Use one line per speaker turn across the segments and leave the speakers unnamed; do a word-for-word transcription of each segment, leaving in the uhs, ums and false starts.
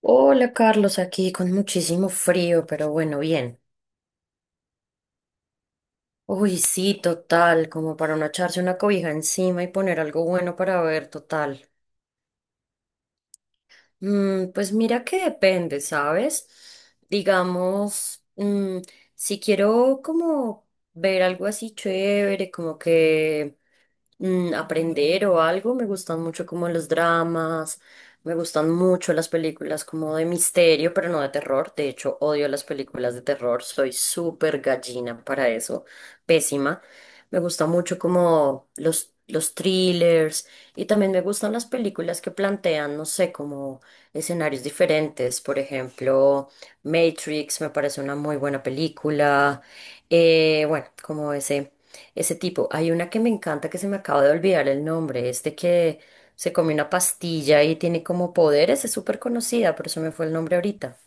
Hola Carlos, aquí con muchísimo frío, pero bueno, bien. Uy, sí, total, como para no echarse una cobija encima y poner algo bueno para ver, total. Mm, pues mira que depende, ¿sabes? Digamos, mm, si quiero como ver algo así chévere, como que mm, aprender o algo, me gustan mucho como los dramas, me gustan mucho las películas como de misterio, pero no de terror. De hecho, odio las películas de terror, soy súper gallina para eso, pésima. Me gusta mucho como los, los thrillers y también me gustan las películas que plantean, no sé, como escenarios diferentes. Por ejemplo, Matrix me parece una muy buena película. Eh, bueno, como ese, ese tipo. Hay una que me encanta que se me acaba de olvidar el nombre. Este que se come una pastilla y tiene como poderes. Es súper conocida, pero se me fue el nombre ahorita.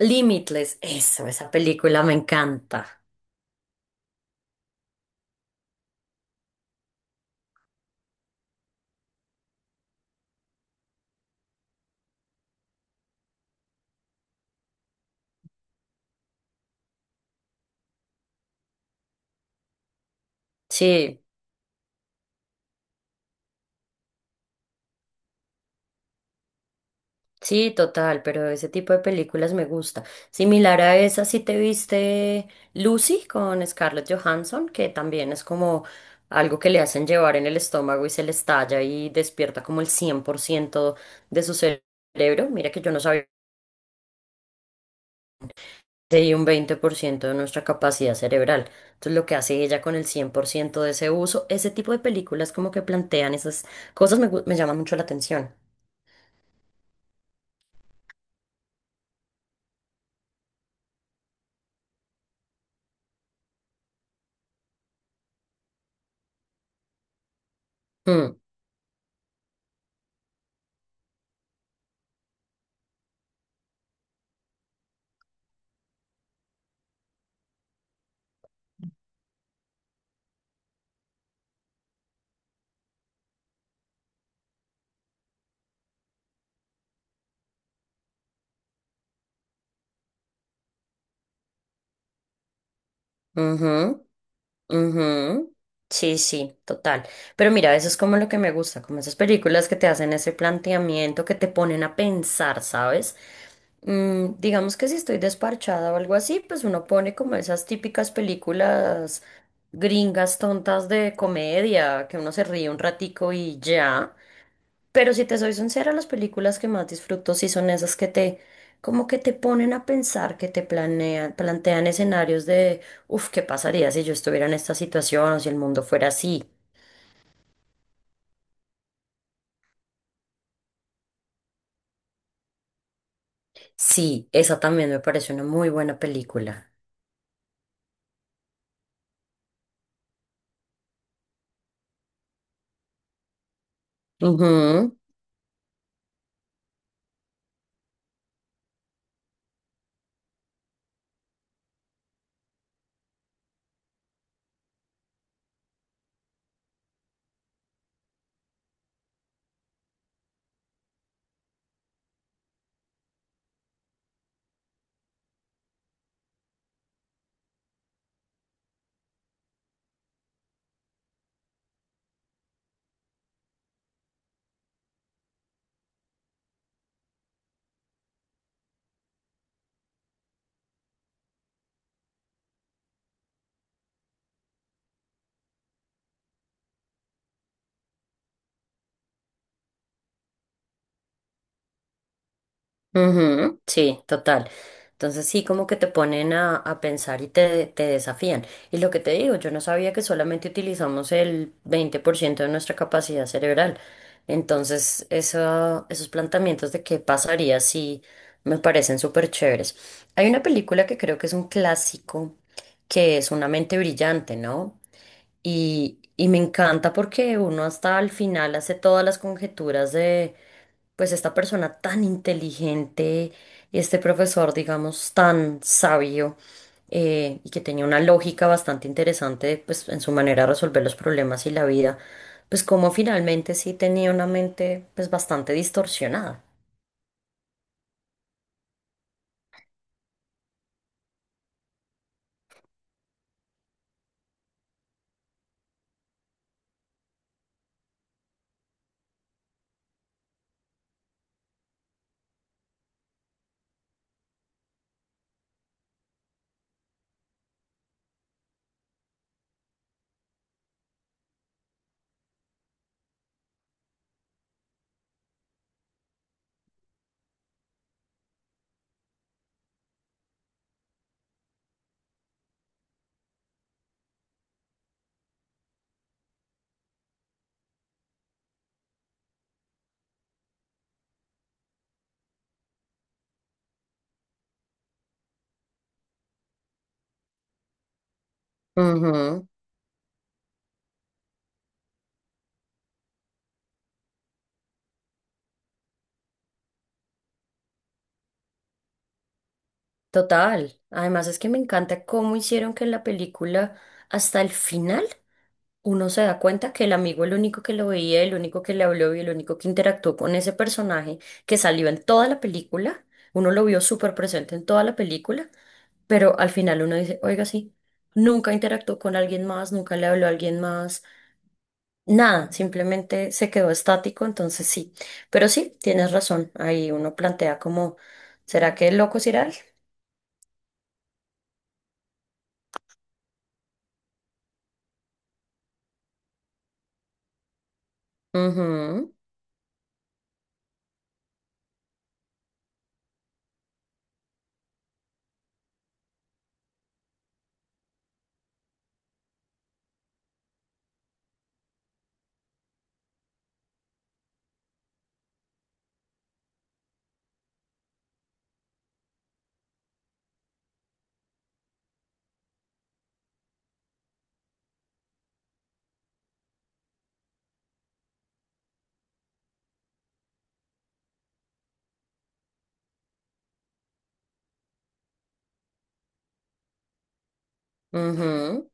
Limitless. Eso, esa película me encanta. Sí. Sí, total, pero ese tipo de películas me gusta. Similar a esa, si te viste Lucy con Scarlett Johansson, que también es como algo que le hacen llevar en el estómago y se le estalla y despierta como el cien por ciento de su cerebro. Mira que yo no sabía que hay un veinte por ciento de nuestra capacidad cerebral. Entonces, lo que hace ella con el cien por ciento de ese uso, ese tipo de películas como que plantean esas cosas me, gu- me llama mucho la atención. Mm, ujú. Ujú. Sí, sí, total. Pero mira, eso es como lo que me gusta, como esas películas que te hacen ese planteamiento, que te ponen a pensar, ¿sabes? Mm, digamos que si estoy desparchada o algo así, pues uno pone como esas típicas películas gringas tontas de comedia, que uno se ríe un ratico y ya. Pero si te soy sincera, las películas que más disfruto sí son esas que te, como que te ponen a pensar, que te planean, plantean escenarios. Uf, ¿qué pasaría si yo estuviera en esta situación o si el mundo fuera así? Sí, esa también me parece una muy buena película. Ujú, ujú, sí, total. Entonces sí, como que te ponen a, a pensar y te, te desafían. Y lo que te digo, yo no sabía que solamente utilizamos el veinte por ciento de nuestra capacidad cerebral. Entonces, eso- esos planteamientos de qué pasaría si me parecen súper chéveres. Hay una película que creo que es un clásico, que es Una mente brillante, ¿no? Y, y me encanta porque uno hasta al final hace todas las conjeturas de, pues, esta persona tan inteligente, este profesor, digamos, tan sabio, eh, y que tenía una lógica bastante interesante, pues, en su manera de resolver los problemas y la vida, pues, como finalmente sí tenía una mente, pues, bastante distorsionada. Ujú, total. Además es que me encanta cómo hicieron que en la película, hasta el final, uno se da cuenta que el amigo, el único que lo veía, el único que le habló y el único que interactuó con ese personaje que salió en toda la película, uno lo vio súper presente en toda la película, pero al final uno dice, oiga, sí, nunca interactuó con alguien más, nunca le habló a alguien más, nada, simplemente se quedó estático, entonces sí, pero sí, tienes razón, ahí uno plantea como, ¿será que el loco es Iral? Ujú, ujú.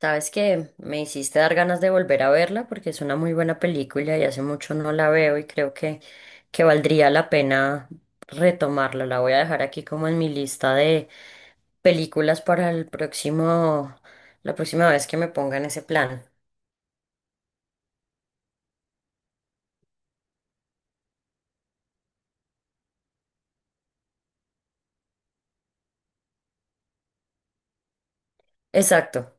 Sabes que me hiciste dar ganas de volver a verla porque es una muy buena película y hace mucho no la veo y creo que, que valdría la pena retomarla. La voy a dejar aquí como en mi lista de películas para el próximo, la próxima vez que me ponga en ese plan. Exacto.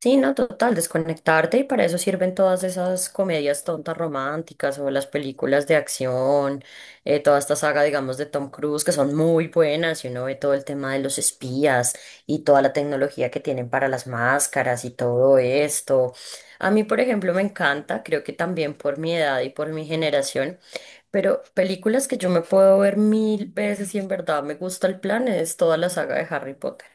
Sí, no, total, desconectarte y para eso sirven todas esas comedias tontas románticas o las películas de acción, eh, toda esta saga, digamos, de Tom Cruise, que son muy buenas y uno ve todo el tema de los espías y toda la tecnología que tienen para las máscaras y todo esto. A mí, por ejemplo, me encanta, creo que también por mi edad y por mi generación, pero películas que yo me puedo ver mil veces y en verdad me gusta el plan es toda la saga de Harry Potter.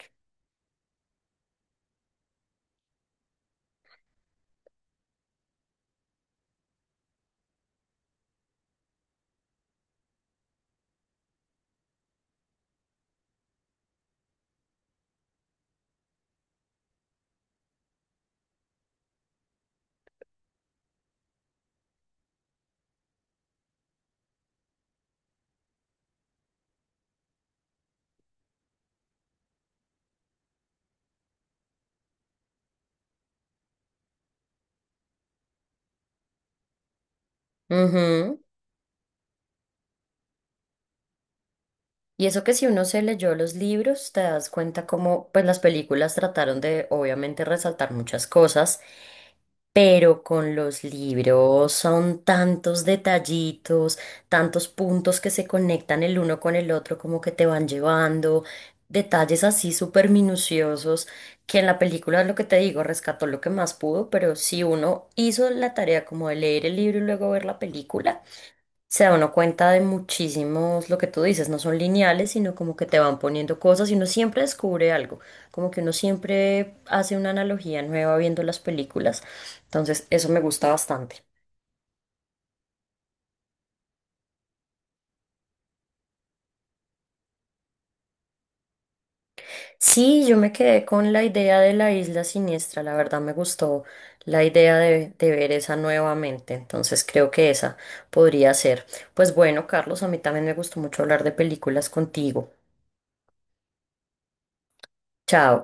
Ujú. Y eso que si uno se leyó los libros, te das cuenta cómo pues las películas trataron de obviamente resaltar muchas cosas, pero con los libros son tantos detallitos, tantos puntos que se conectan el uno con el otro, como que te van llevando, detalles así súper minuciosos, que en la película lo que te digo, rescató lo que más pudo, pero si uno hizo la tarea como de leer el libro y luego ver la película, se da uno cuenta de muchísimos, lo que tú dices, no son lineales, sino como que te van poniendo cosas y uno siempre descubre algo, como que uno siempre hace una analogía nueva viendo las películas. Entonces, eso me gusta bastante. Sí, yo me quedé con la idea de la isla siniestra, la verdad me gustó la idea de, de ver esa nuevamente, entonces creo que esa podría ser. Pues bueno, Carlos, a mí también me gustó mucho hablar de películas contigo. Chao.